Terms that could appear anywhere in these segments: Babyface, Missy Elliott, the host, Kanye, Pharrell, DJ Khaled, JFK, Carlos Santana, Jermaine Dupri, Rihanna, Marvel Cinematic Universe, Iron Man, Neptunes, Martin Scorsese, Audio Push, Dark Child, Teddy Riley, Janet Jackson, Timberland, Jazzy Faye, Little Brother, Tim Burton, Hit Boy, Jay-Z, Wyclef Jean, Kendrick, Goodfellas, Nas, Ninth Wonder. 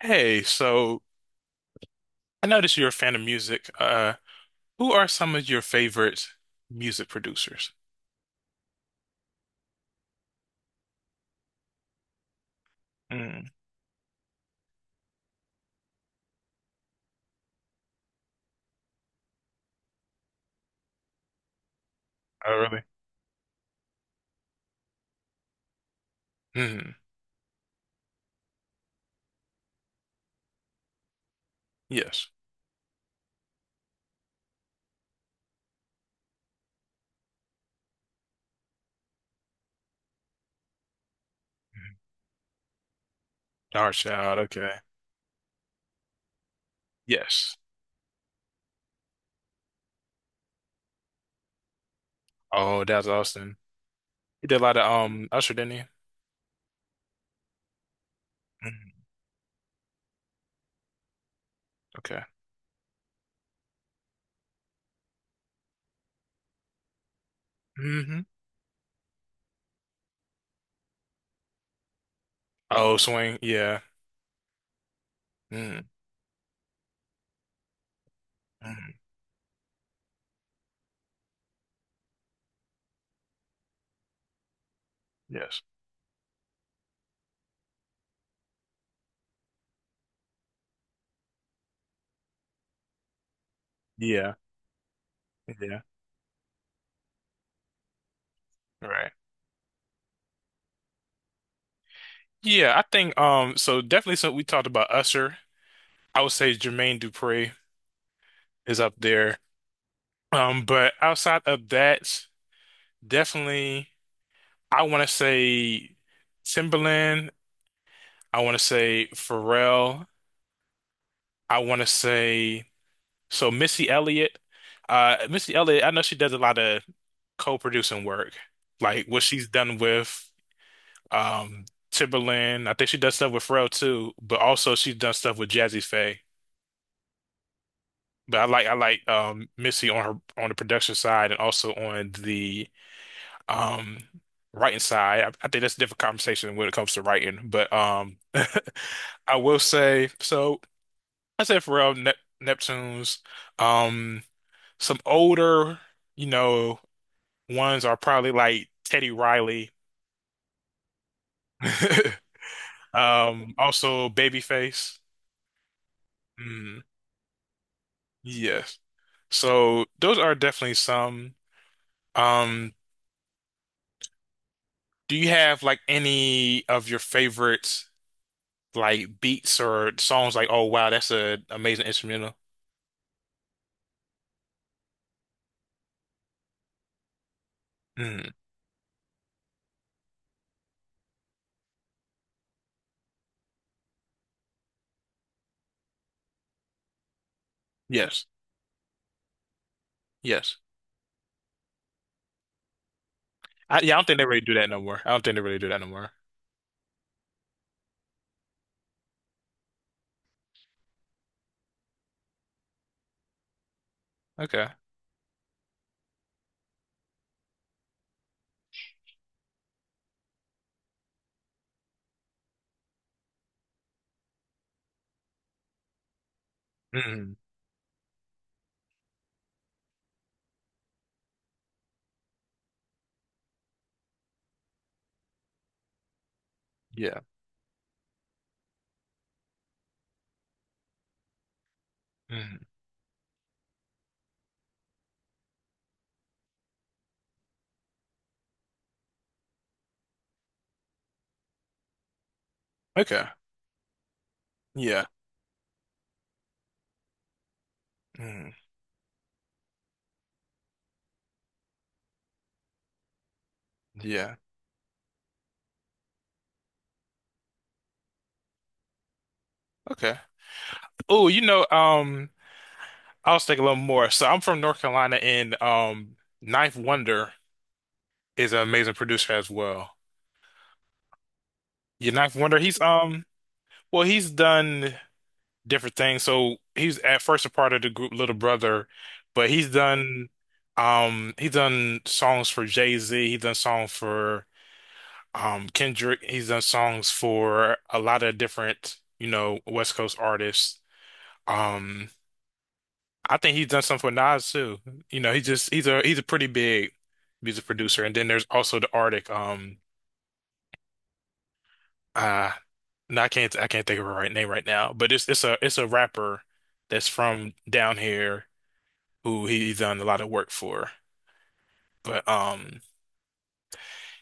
Hey, so I noticed you're a fan of music. Who are some of your favorite music producers? Mm. Oh, really? Mm. Yes. Mhm. Dark Child, okay. Yes. Oh, that's Austin. He did a lot of Usher, didn't he? Mhm. Okay. Hmm. Oh, Swing, yeah. Mm. Mhm. Yes. Yeah. Yeah. Right. Yeah, I think so definitely so we talked about Usher. I would say Jermaine Dupri is up there. But outside of that. Definitely, I want to say Timberland. I want to say Pharrell. I want to say so Missy Elliott. Missy Elliott, I know she does a lot of co-producing work, like what she's done with um, Timberland. I think she does stuff with Pharrell too, but also she's done stuff with Jazzy Faye. But I like Missy on her on the production side and also on the um writing side. I think that's a different conversation when it comes to writing. But I will say so I said Pharrell, Neptunes, um some older, you know, ones are probably like Teddy Riley. Um, also Babyface. Mm, yes. So those are definitely some. Um, do you have like any of your favorite like beats or songs like oh wow that's a amazing instrumental? Mm. Yes. Yes. Yeah, I don't think they really do that no more. I don't think they really do that no more. Okay. Mm. Yeah. Mm. Okay. Yeah. Mm. Yeah. Okay. Oh, you know, I was thinking a little more. So I'm from North Carolina, and Ninth Wonder is an amazing producer as well. Yeah, Ninth Wonder. He's well, he's done different things. So he's at first a part of the group Little Brother, but he's done songs for Jay-Z. He's done songs for um, Kendrick. He's done songs for a lot of different, you know, West Coast artists. Um, I think he's done some for Nas too. You know, he's a pretty big music producer. And then there's also the Arctic. Uh, no, I can't think of her right name right now, but it's a rapper that's from down here who he's done a lot of work for. But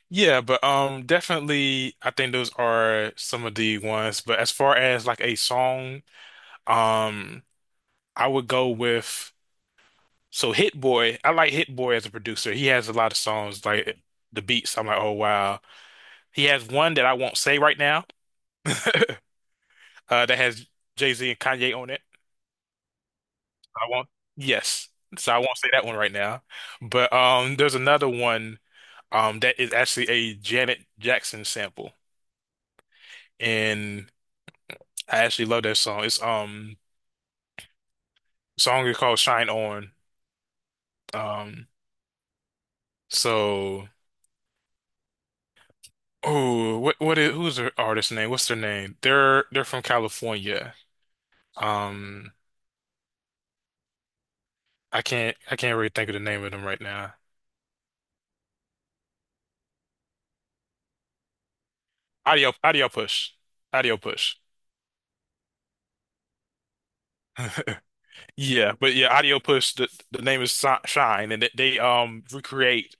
yeah, but definitely I think those are some of the ones. But as far as like a song. Um, I would go with so Hit Boy. I like Hit Boy as a producer. He has a lot of songs like the beats. I'm like, oh wow. He has one that I won't say right now. That has Jay-Z and Kanye on it. I won't. Yes, so I won't say that one right now. But there's another one that is actually a Janet Jackson sample, and I actually love that song. It's song is called Shine On. Um, so. Oh, what is who's her artist name? What's their name? They're from California. Um, I can't really think of the name of them right now. Audio Audio Push, Audio Push. Yeah, but yeah, Audio Push. The name is Shine, and they recreate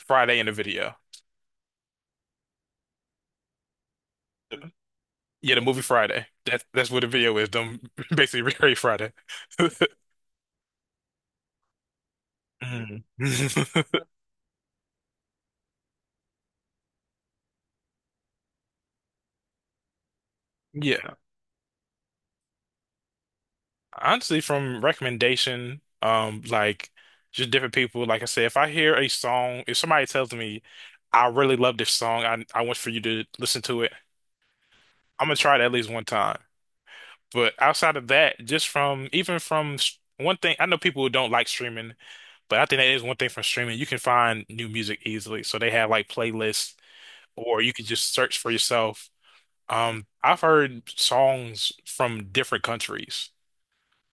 Friday in the video. Yeah, the movie Friday. That's what the video is. Them basically recreate Friday. Mhm. Yeah. Honestly, from recommendation, like just different people. Like I said, if I hear a song, if somebody tells me, I really love this song, I want for you to listen to it, I'm gonna try it at least one time. But outside of that, just from even from one thing, I know people who don't like streaming, but I think that is one thing from streaming. You can find new music easily. So they have like playlists, or you can just search for yourself. I've heard songs from different countries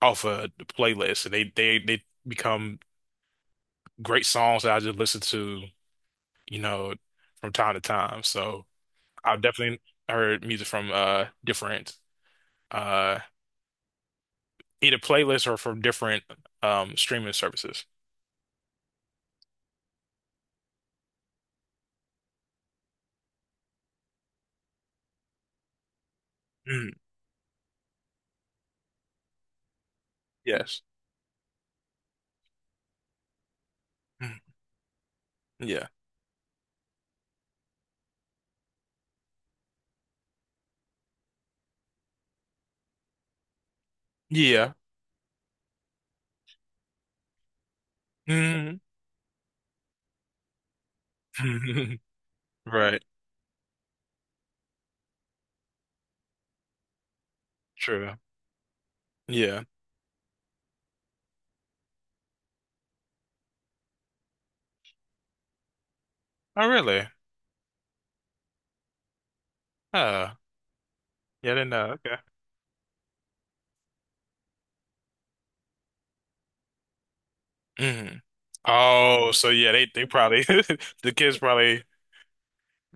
off a playlist, and they become great songs that I just listen to, you know, from time to time. So I've definitely heard music from different uh either playlists or from different streaming services. Mm, yes. Mm, yeah. Yeah. Mm. Right. True. Yeah. Oh, really? Uh, yeah, I didn't know. Okay. Mm. Oh, so yeah, they probably the kids probably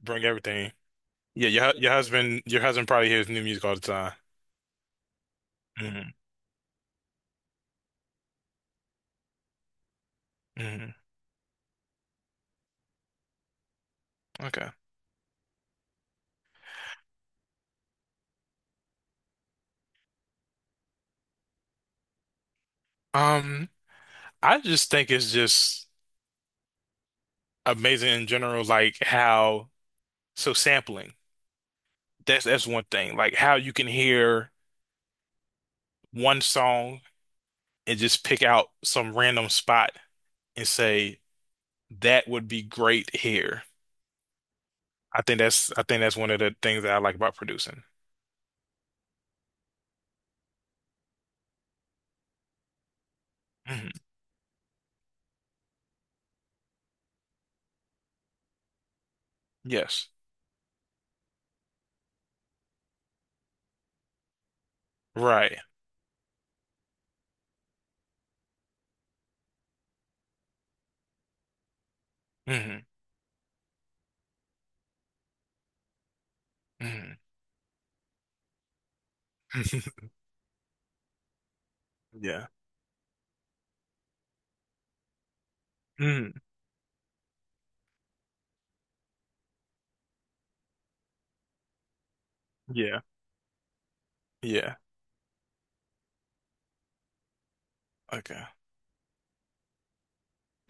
bring everything. Yeah, your husband probably hears new music all the time. Hmm. Hmm. Okay. Um, I just think it's just amazing in general, like how so sampling. That's one thing. Like how you can hear one song and just pick out some random spot and say that would be great here. I think that's one of the things that I like about producing. Hmm. Yes. Right. Hmm. Hmm. Yeah. Hmm. Yeah. Yeah. Okay.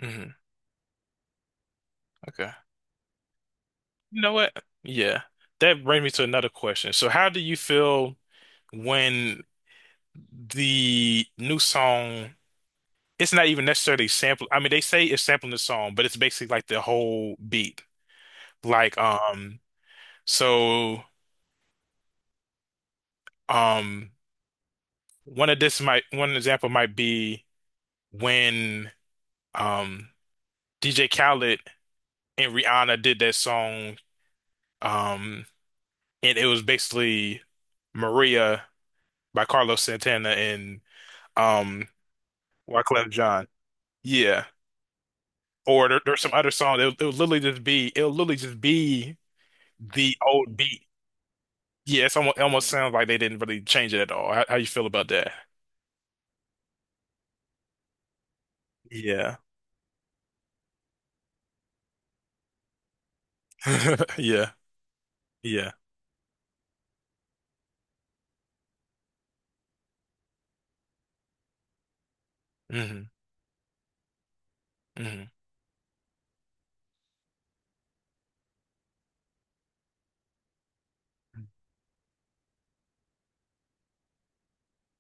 Mhm. Okay. You know what? Yeah. That brings me to another question. So how do you feel when the new song, it's not even necessarily sample. I mean, they say it's sampling the song, but it's basically like the whole beat. Like, so, um, one of one example might be when, um, DJ Khaled and Rihanna did that song, um, and it was basically Maria by Carlos Santana and, um Wyclef Jean. Yeah. Or there's some other song. It'll, it'll literally just be it'll literally just be the old beat. Yeah, it almost sounds like they didn't really change it at all. How you feel about that? Yeah. Yeah. Yeah. Hmm. Hmm.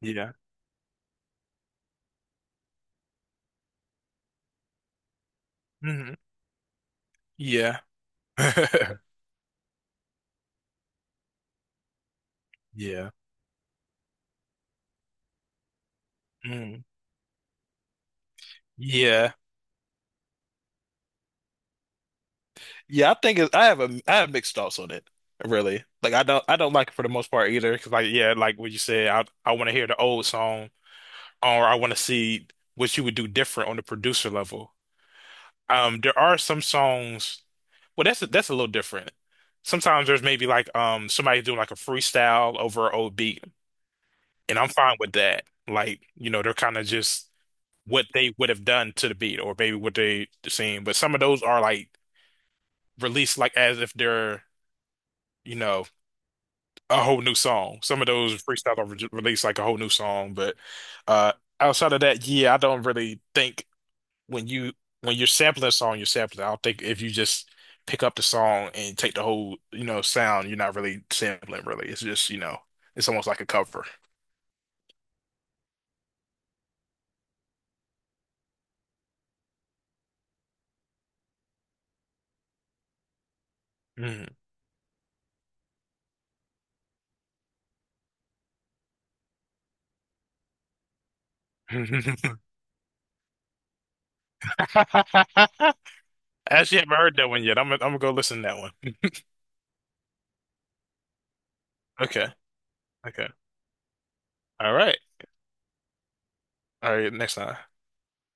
Yeah. Hmm. Yeah. Yeah. Hmm. Yeah. Yeah, I have a I have mixed thoughts on it, really. Like I don't like it for the most part either. 'Cause like yeah, like what you said, I want to hear the old song, or I want to see what you would do different on the producer level. There are some songs. Well, that's a little different. Sometimes there's maybe like somebody doing like a freestyle over an old beat, and I'm fine with that. Like, you know, they're kind of just what they would have done to the beat or maybe what they seen. But some of those are like released like as if they're, you know, a whole new song. Some of those freestyles are re released like a whole new song, but uh outside of that, yeah, I don't really think when you when you're sampling a song, you're sampling. I don't think if you just pick up the song and take the whole, you know, sound, you're not really sampling really. It's just, you know, it's almost like a cover. Mm. Actually, haven't heard that one yet. I'm gonna go listen to that one. Okay. Okay. All right. All right. Next time.